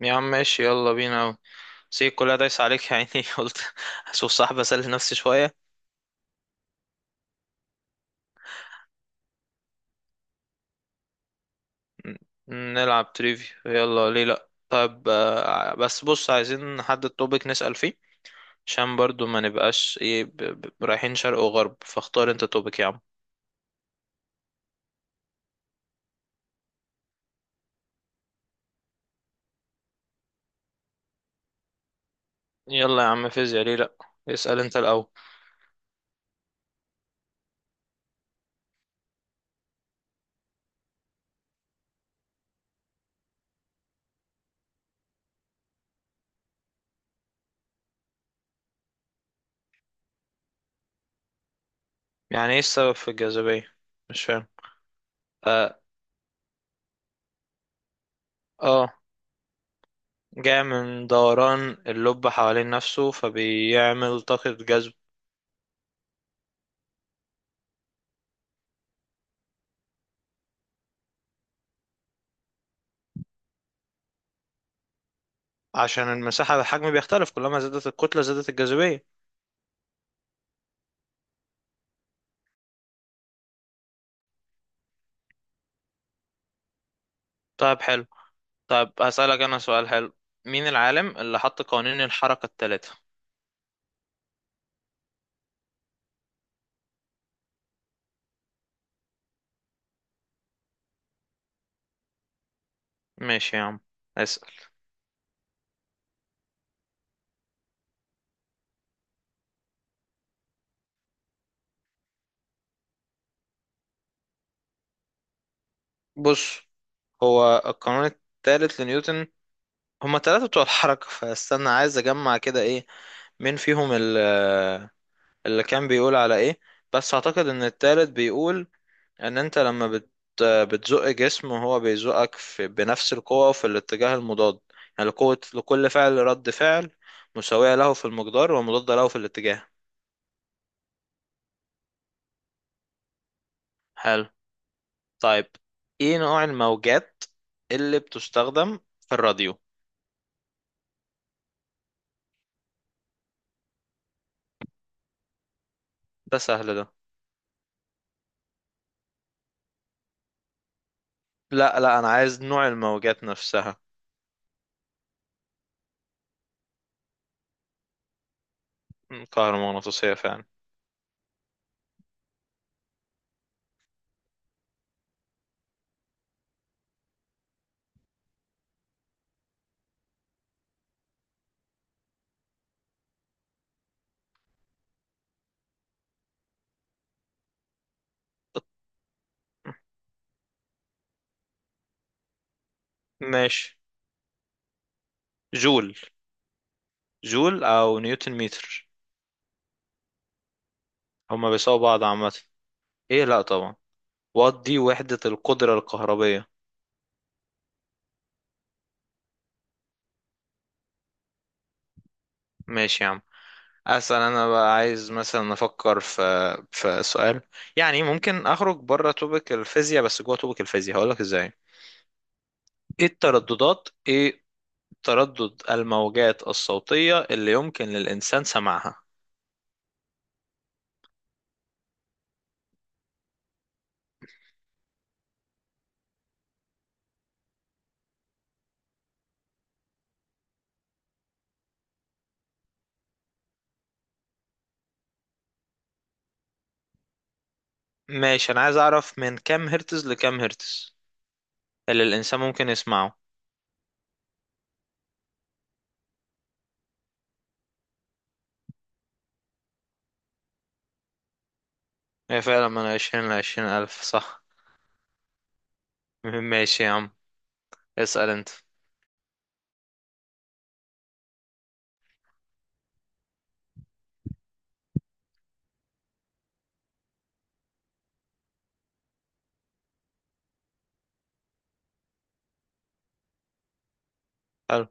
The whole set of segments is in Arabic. يا عم ماشي، يلا بينا أوي. سيب كلها دايس عليك يا عيني. قلت اشوف صاحب اسلي نفسي شوية. ن- نلعب تريفي، يلا. ليه لأ؟ طيب، بس بص، عايزين نحدد توبيك نسأل فيه، عشان برضو ما نبقاش ايه رايحين شرق وغرب. فاختار انت توبيك يا عم. يلا يا عم، فيزياء ليه لأ. اسأل انت الأول. يعني ايه السبب في الجاذبية؟ مش فاهم. اه. آه، جاء من دوران اللب حوالين نفسه، فبيعمل طاقة جذب. عشان المساحة، الحجم بيختلف، كلما زادت الكتلة زادت الجاذبية. طيب حلو. طيب هسألك أنا سؤال حلو: مين العالم اللي حط قوانين الحركة الثلاثة؟ ماشي يا عم، اسأل. بص، هو القانون الثالث لنيوتن، هما التلاتة بتوع الحركة، فاستنى، عايز أجمع كده إيه، مين فيهم اللي كان بيقول على إيه. بس أعتقد إن التالت بيقول ان انت لما بتزق جسم، وهو بيزقك في بنفس القوة وفي الاتجاه المضاد. يعني لقوة لكل فعل رد فعل مساوية له في المقدار ومضادة له في الاتجاه. حلو. طيب ايه نوع الموجات اللي بتستخدم في الراديو؟ ده سهل ده. لا لا، انا عايز نوع الموجات نفسها. كهرومغناطيسية فعلا. ماشي. جول. جول او نيوتن متر. هما بيساووا بعض عامة. ايه، لا طبعا، وات دي وحدة القدرة الكهربية. ماشي يا عم، اسال انا بقى، عايز مثلا افكر في سؤال، يعني ممكن اخرج بره توبك الفيزياء، بس جوه توبك الفيزياء، هقول لك ازاي. ايه تردد الموجات الصوتية اللي يمكن للانسان سماعها؟ ماشي، انا عايز اعرف من كام هرتز لكام هرتز اللي الانسان ممكن يسمعه. هي فعلا من 20 ل 20 الف، صح؟ ماشي يا عم، اسال انت. حلو.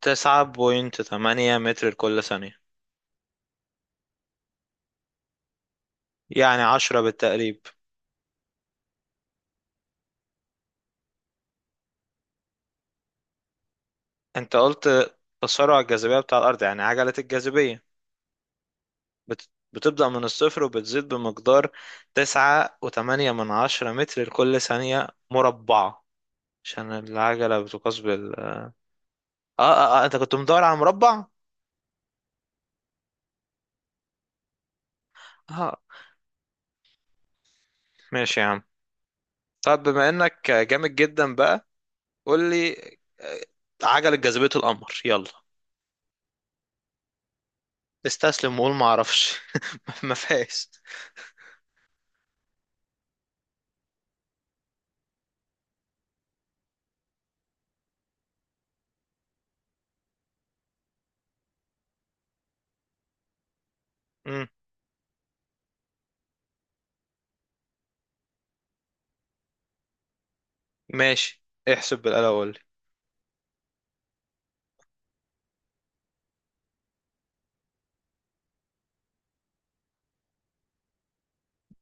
9.8 متر لكل ثانية، يعني 10 بالتقريب. انت قلت تسارع الجاذبية بتاع الأرض، يعني عجلة الجاذبية، بتبدأ من الصفر وبتزيد بمقدار 9.8 متر لكل ثانية مربعة، عشان العجلة بتقاس بال أنت كنت مدور على مربع؟ آه، ماشي يا عم. طب بما إنك جامد جدا بقى، قول لي آه، عجلة جاذبية القمر، يلا، استسلم وقول معرفش. ما فيهاش. مم، ماشي، احسب بالآلة وقول لي.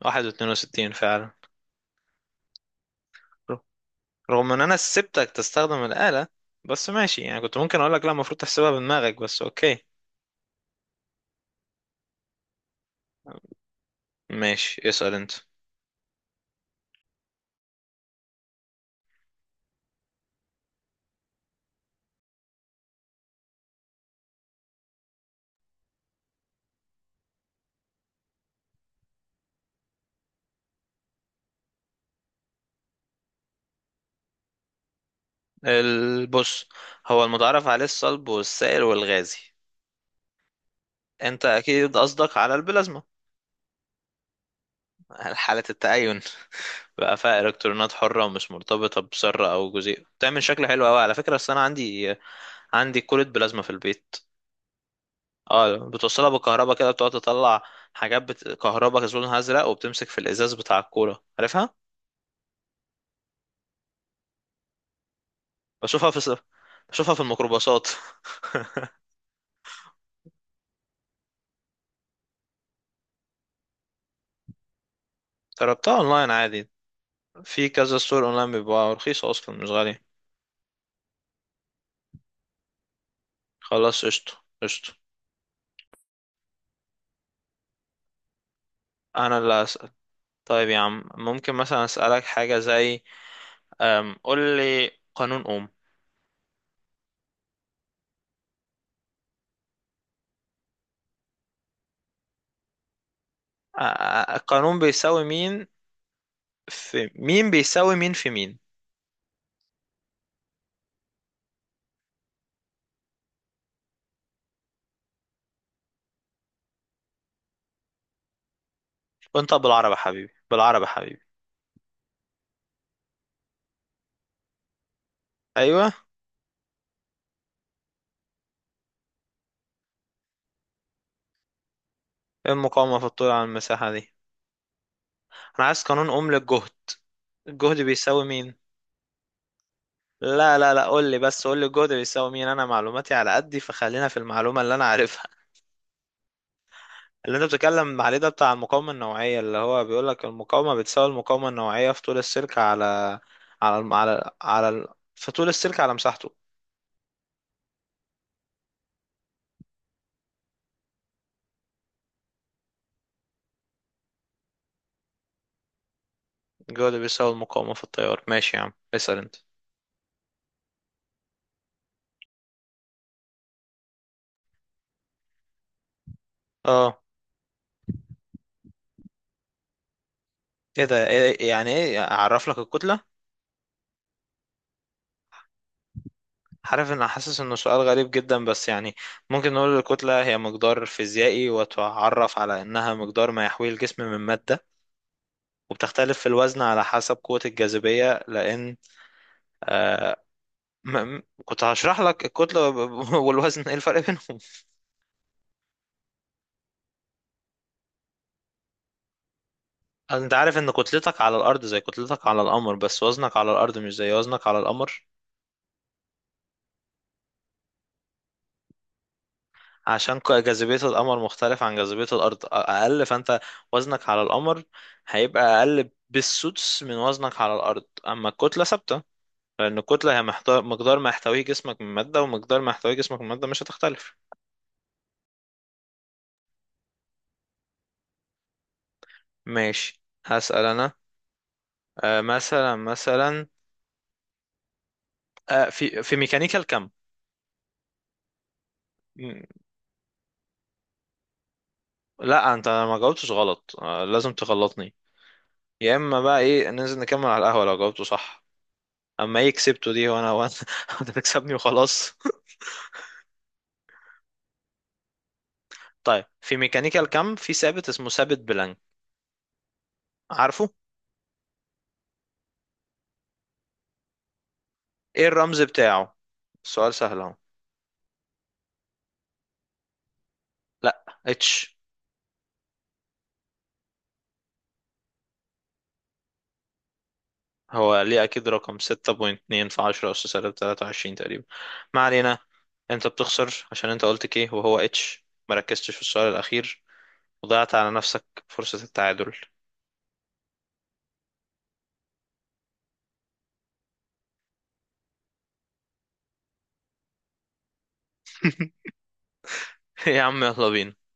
واحد واتنين وستين فعلا. رغم ان انا سبتك تستخدم الآلة، بس ماشي، يعني كنت ممكن اقول لك لا، المفروض تحسبها بدماغك، بس اوكي. ماشي، اسأل انت. بص، هو المتعارف عليه الصلب والسائل والغازي. انت اكيد قصدك على البلازما. حالة التأين، بقى فيها الكترونات حرة ومش مرتبطة بذرة او جزيء، بتعمل شكل حلو قوي على فكرة. بس انا عندي كولة بلازما في البيت. اه، بتوصلها بالكهرباء كده، بتقعد تطلع حاجات كهرباء لونها ازرق، وبتمسك في الازاز بتاع الكورة، عارفها؟ بشوفها في بشوفها في الميكروباصات. جربتها اونلاين عادي، في كذا ستور اونلاين، بيبقى رخيصة اصلا مش غالية. خلاص، قشطة قشطة. انا اللي هسأل. طيب يا عم ممكن مثلا اسألك حاجة زي قول لي قانون اوم. القانون بيساوي مين في مين، بيساوي مين في مين؟ وانت بالعربي يا حبيبي، بالعربي يا حبيبي. ايوه. إيه المقاومة في الطول على المساحة دي؟ انا عايز قانون اوم للجهد. الجهد بيساوي مين؟ لا لا لا، قول لي بس، قول لي الجهد بيساوي مين. انا معلوماتي على قدي، فخلينا في المعلومه اللي انا عارفها. اللي انت بتتكلم عليه ده بتاع المقاومه النوعيه، اللي هو بيقول لك المقاومه بتساوي المقاومه النوعيه في طول السلك على على الم- على على ال- في طول السلك على مساحته. الجهد بيساوي المقاومه في التيار. ماشي يا عم، اسال انت. اه، ايه ده؟ إيه، يعني ايه اعرف لك الكتله؟ عارف، ان حاسس انه سؤال غريب جدا، بس يعني ممكن نقول الكتله هي مقدار فيزيائي، وتعرف على انها مقدار ما يحويه الجسم من ماده، وبتختلف في الوزن على حسب قوة الجاذبية، لأن... آه. كنت هشرح لك الكتلة والوزن، ايه الفرق بينهم. انت عارف ان كتلتك على الأرض زي كتلتك على القمر، بس وزنك على الأرض مش زي وزنك على القمر. عشان جاذبية القمر مختلف عن جاذبية الأرض، أقل. فأنت وزنك على القمر هيبقى أقل بالسدس من وزنك على الأرض، أما الكتلة ثابتة، لأن الكتلة هي محتوى مقدار ما يحتويه جسمك من مادة، ومقدار ما يحتويه جسمك من مادة مش هتختلف. ماشي، هسأل أنا. مثلا. في ميكانيكا الكم. م- لا، انت ما جاوبتش غلط، لازم تغلطني. يا اما بقى ايه، ننزل نكمل على القهوة لو جاوبته صح، اما ايه كسبته دي، وانا انت تكسبني وخلاص. طيب في ميكانيكا الكم في ثابت اسمه ثابت بلانك، عارفه؟ ايه الرمز بتاعه؟ السؤال سهل اهو. لا، اتش. هو ليه اكيد رقم، 6.2 في 10 اس سالب 23 تقريبا. ما علينا. انت بتخسر عشان انت قلت كيه وهو اتش، مركزتش في السؤال الاخير، وضيعت على نفسك فرصة التعادل. يا عم يلا بينا.